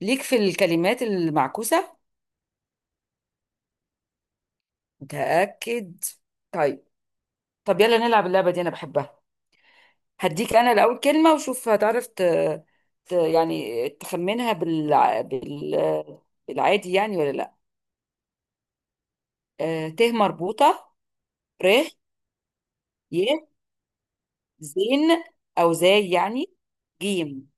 ليك في الكلمات المعكوسة. متأكد؟ طيب. طب يلا نلعب اللعبة دي، أنا بحبها. هديك أنا الأول كلمة وشوف هتعرف يعني تخمنها بال... بالعادي يعني ولا لأ. ت مربوطة، ر، ي، زين أو زي يعني، جيم.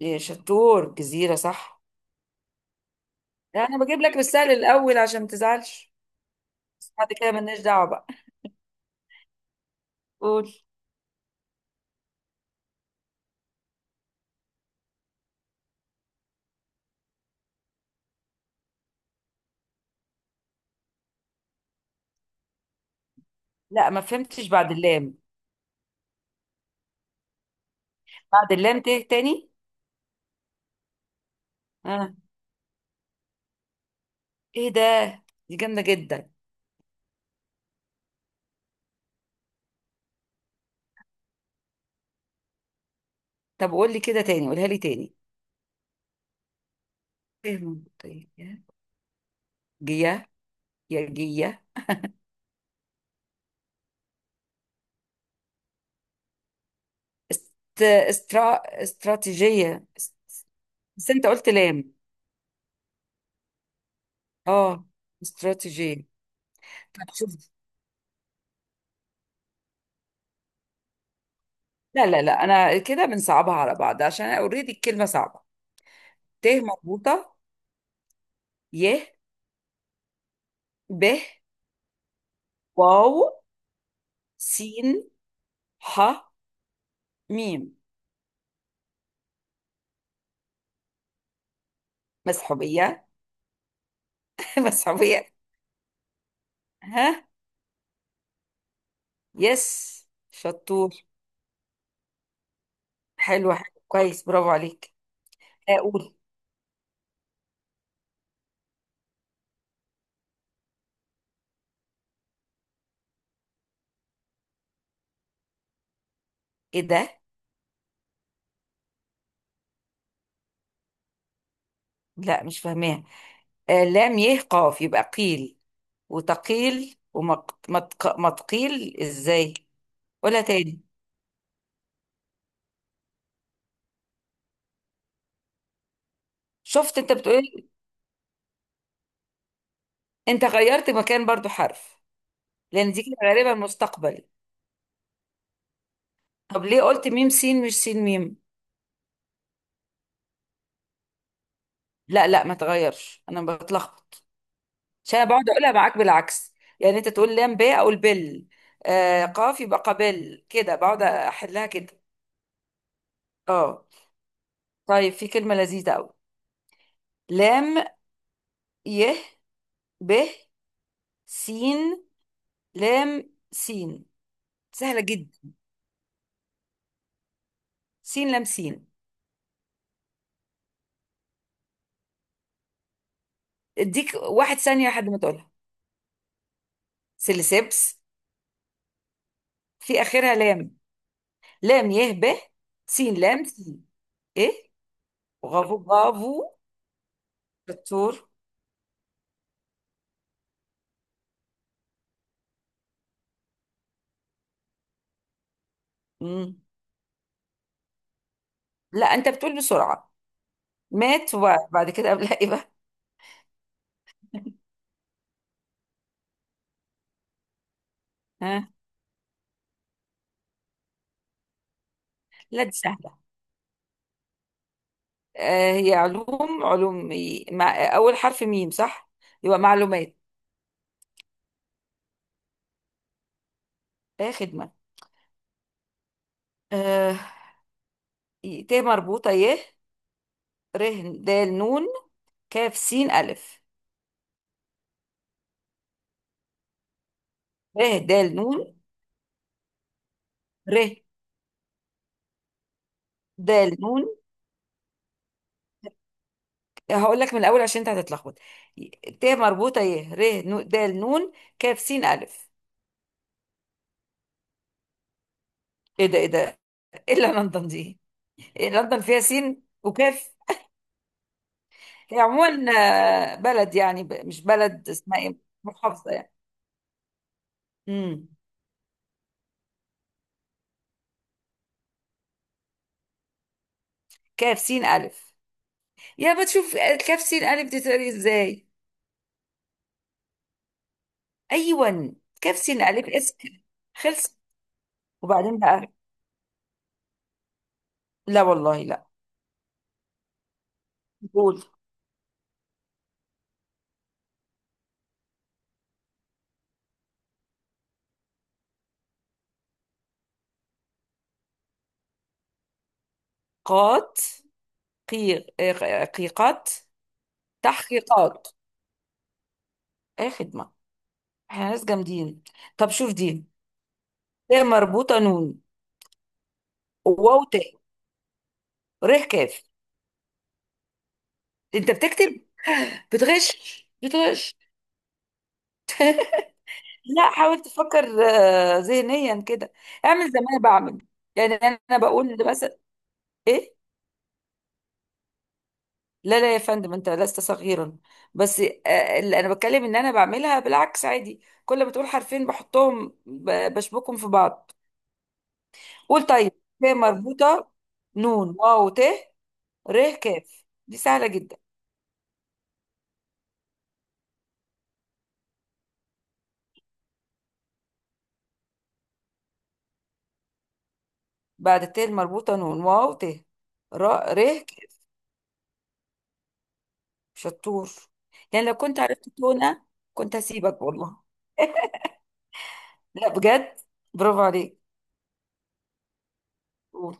إيه، شطور، جزيرة صح. لا، أنا بجيب لك بالسهل الأول عشان ما تزعلش. بس بعد كده ملناش دعوة بقى. قول. لا ما فهمتش بعد اللام. بعد اللام ت تاني. آه. ايه ده؟ دي جامده جدا. طب قول لي كده تاني، قولها لي تاني. ايه منطقية. جية، يا جية. استرا... استراتيجية بس انت قلت لام. اه استراتيجية. طب شوف. لا لا لا، انا كده بنصعبها على بعض عشان انا اوريدي الكلمة صعبة. ت مربوطة، ي، ب، واو، سين، ح، ميم. مسحوبية. مسحوبية. ها. يس شطور. حلو حلو كويس، برافو عليك. اقول. ايه ده؟ لا مش فاهماها. آه لام يه قاف يبقى قيل. وتقيل. ومتقيل ازاي. قولها تاني. شفت، انت بتقول. انت غيرت مكان برضو حرف. لان دي كده غالبا مستقبل. طب ليه قلت ميم سين مش سين ميم؟ لا لا ما تغيرش، انا بتلخبط. عشان أنا بقعد اقولها معاك بالعكس. يعني انت تقول لام ب اقول بل. آه قاف يبقى قبل. كده بقعد احلها كده. اه. طيب في كلمة لذيذة قوي. لام، يه، ب، سين، لام، سين. سهلة جدا. سين لام سين. اديك 1 ثانية لحد ما تقولها. سيليسيبس. في آخرها لام. لام يه ب سين لام سين. ايه. برافو برافو. شطور. مم. لا انت بتقول بسرعة. مات وبعد كده قبلها ايه بقى. ها. لا دي سهلة. آه هي علوم علوم، مع اول حرف ميم صح. يبقى معلومات. ايه خدمة. آه ت مربوطة، يه، ر، د، نون، كاف، سين، ألف. ر، د، نون. ر. د، نون. هقول لك من الأول عشان أنت هتتلخبط. ت مربوطة، ي، ر، د، نون، كاف، سين، ألف. إيه ده إيه ده. إيه اللي لندن دي؟ إيه لندن فيها سين وكاف. هي عموما بلد يعني، مش بلد، اسمها إيه. محافظة يعني. امم. كاف، سين، ألف. يا بتشوف، كاف سين ألف دي تقري إزاي. أيوة. كاف سين ألف اسم. خلص. وبعدين بقى. لا والله لا. قول. قات. قي... آه، قيقات. تحقيقات. اي خدمة. احنا ناس جامدين. طب شوف دي. ت مربوطة، نون، واو، تاء، ر، كاف. انت بتكتب؟ بتغش بتغش. لا حاول تفكر ذهنيا كده. اعمل زي ما انا بعمل. يعني انا بقول مثلا. ايه. لا لا يا فندم، انت لست صغيرا. بس اللي انا بتكلم ان انا بعملها بالعكس عادي. كل ما تقول حرفين بحطهم بشبكهم في بعض. قول طيب. ف مربوطة، نون، واو، ت، ر، كاف، دي سهلة جدا. بعد الت المربوطة نون واو ت، ر، كاف. شطور. يعني لو كنت عرفت تونة كنت هسيبك والله. لا بجد. برافو عليك. قول.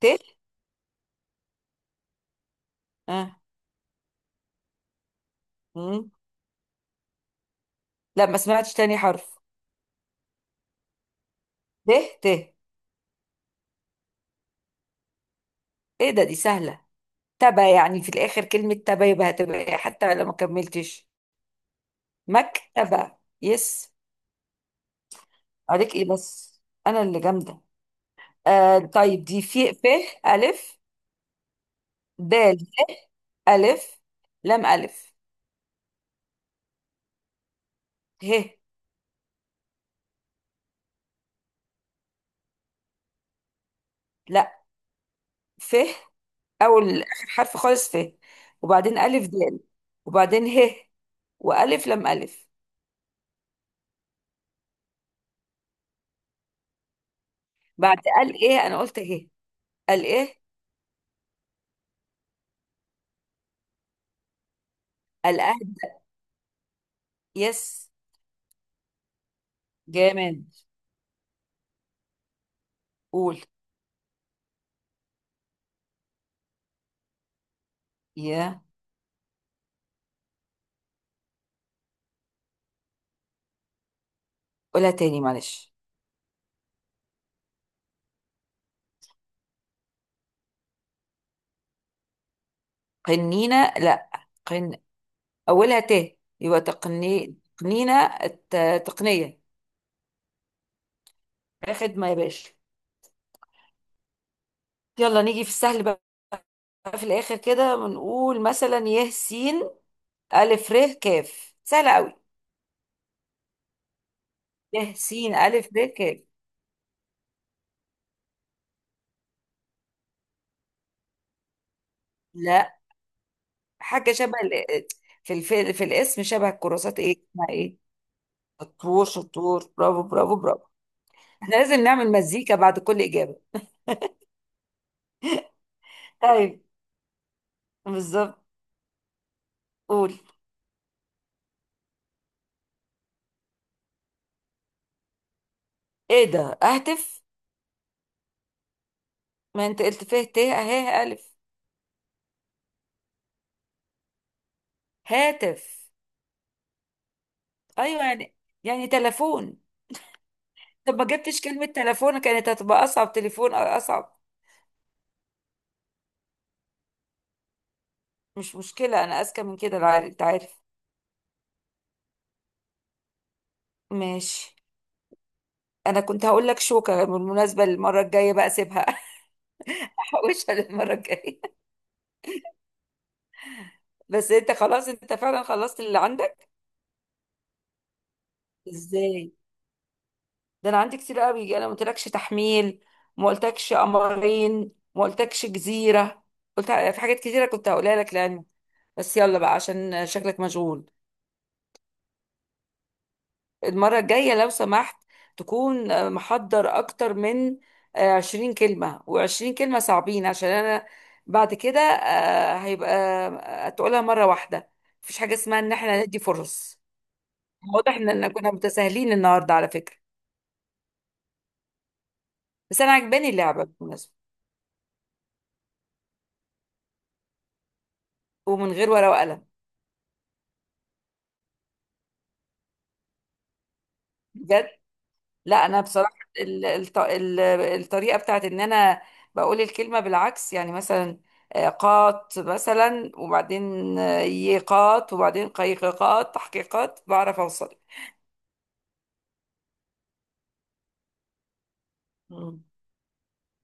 ت. آه. مم. لا ما سمعتش تاني حرف. ب. ت. ايه ده، دي سهلة. تبا يعني في الآخر كلمة تبا، يبقى هتبقى إيه حتى لو ما كملتش. مكتبة. يس. عليك ايه بس؟ انا اللي جامدة. آه طيب دي في ف، ألف، د، ه، ألف، لام، ألف. ه. لا، ف أول آخر حرف خالص ف. وبعدين ألف د. وبعدين ه. وألف لام ألف. بعد قال إيه؟ أنا قلت ه. قال إيه. الأهد. يس. جامد. قول. يا. قولها تاني معلش. قنينة لا. قن. أولها ت يبقى تقني تقنينة تقنية. يا خدمة يا باشا. يلا نيجي في السهل بقى. في الاخر كده بنقول مثلا يه سين الف ر كاف، سهله قوي. يه سين الف ر كاف. لا. حاجه شبه في الف... في الاسم شبه الكراسات، ايه اسمها ايه. شطور شطور. برافو برافو برافو. احنا لازم نعمل مزيكا بعد كل اجابه. طيب. بالظبط. قول. ايه ده؟ اهتف. ما انت قلت فيه ت اهي الف. هاتف. ايوه يعني. يعني تلفون. طب ما جبتش كلمه تلفون كانت هتبقى اصعب، تليفون اصعب. مش مشكلة، أنا أذكى من كده. أنت عارف. ماشي. أنا كنت هقول لك شوكة بالمناسبة، المرة الجاية بقى سيبها. أحوشها للمرة الجاية. بس أنت خلاص، أنت فعلا خلصت اللي عندك. إزاي؟ ده أنا عندي كتير قوي. أنا ما قلتلكش تحميل. ما قلتلكش قمرين، ما قلتلكش جزيرة. قلت في حاجات كتيرة كنت هقولها لك لعلمك. بس يلا بقى عشان شكلك مشغول. المرة الجاية لو سمحت تكون محضر أكتر من 20 كلمة و20 كلمة صعبين عشان أنا. بعد كده هيبقى تقولها مرة واحدة. مفيش حاجة اسمها إن احنا ندي فرص. واضح إننا كنا متساهلين النهاردة على فكرة. بس أنا عجباني اللعبة بالمناسبة. ومن غير ورقة وقلم. بجد. لا انا بصراحه، ال- الط- ال- الطريقه بتاعت ان انا بقول الكلمه بالعكس. يعني مثلا قات مثلا، وبعدين يقات، وبعدين قيققات، تحقيقات. بعرف اوصل. مم.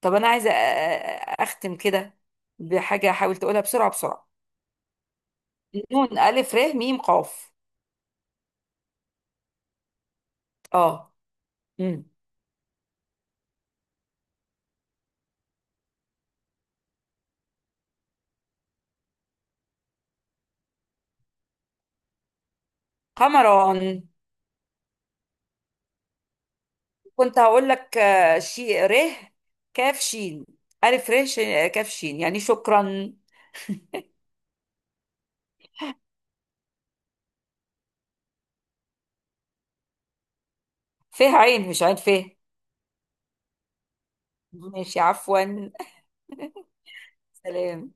طب انا عايزه اختم كده بحاجه، حاول تقولها بسرعه بسرعه. نون الف ر م قاف. اه. مم. قمران. كنت هقول لك شي ر كاف شين الف كاف شين يعني شكرا. فيه عين، مش عين فيه. ماشي عفوا. سلام.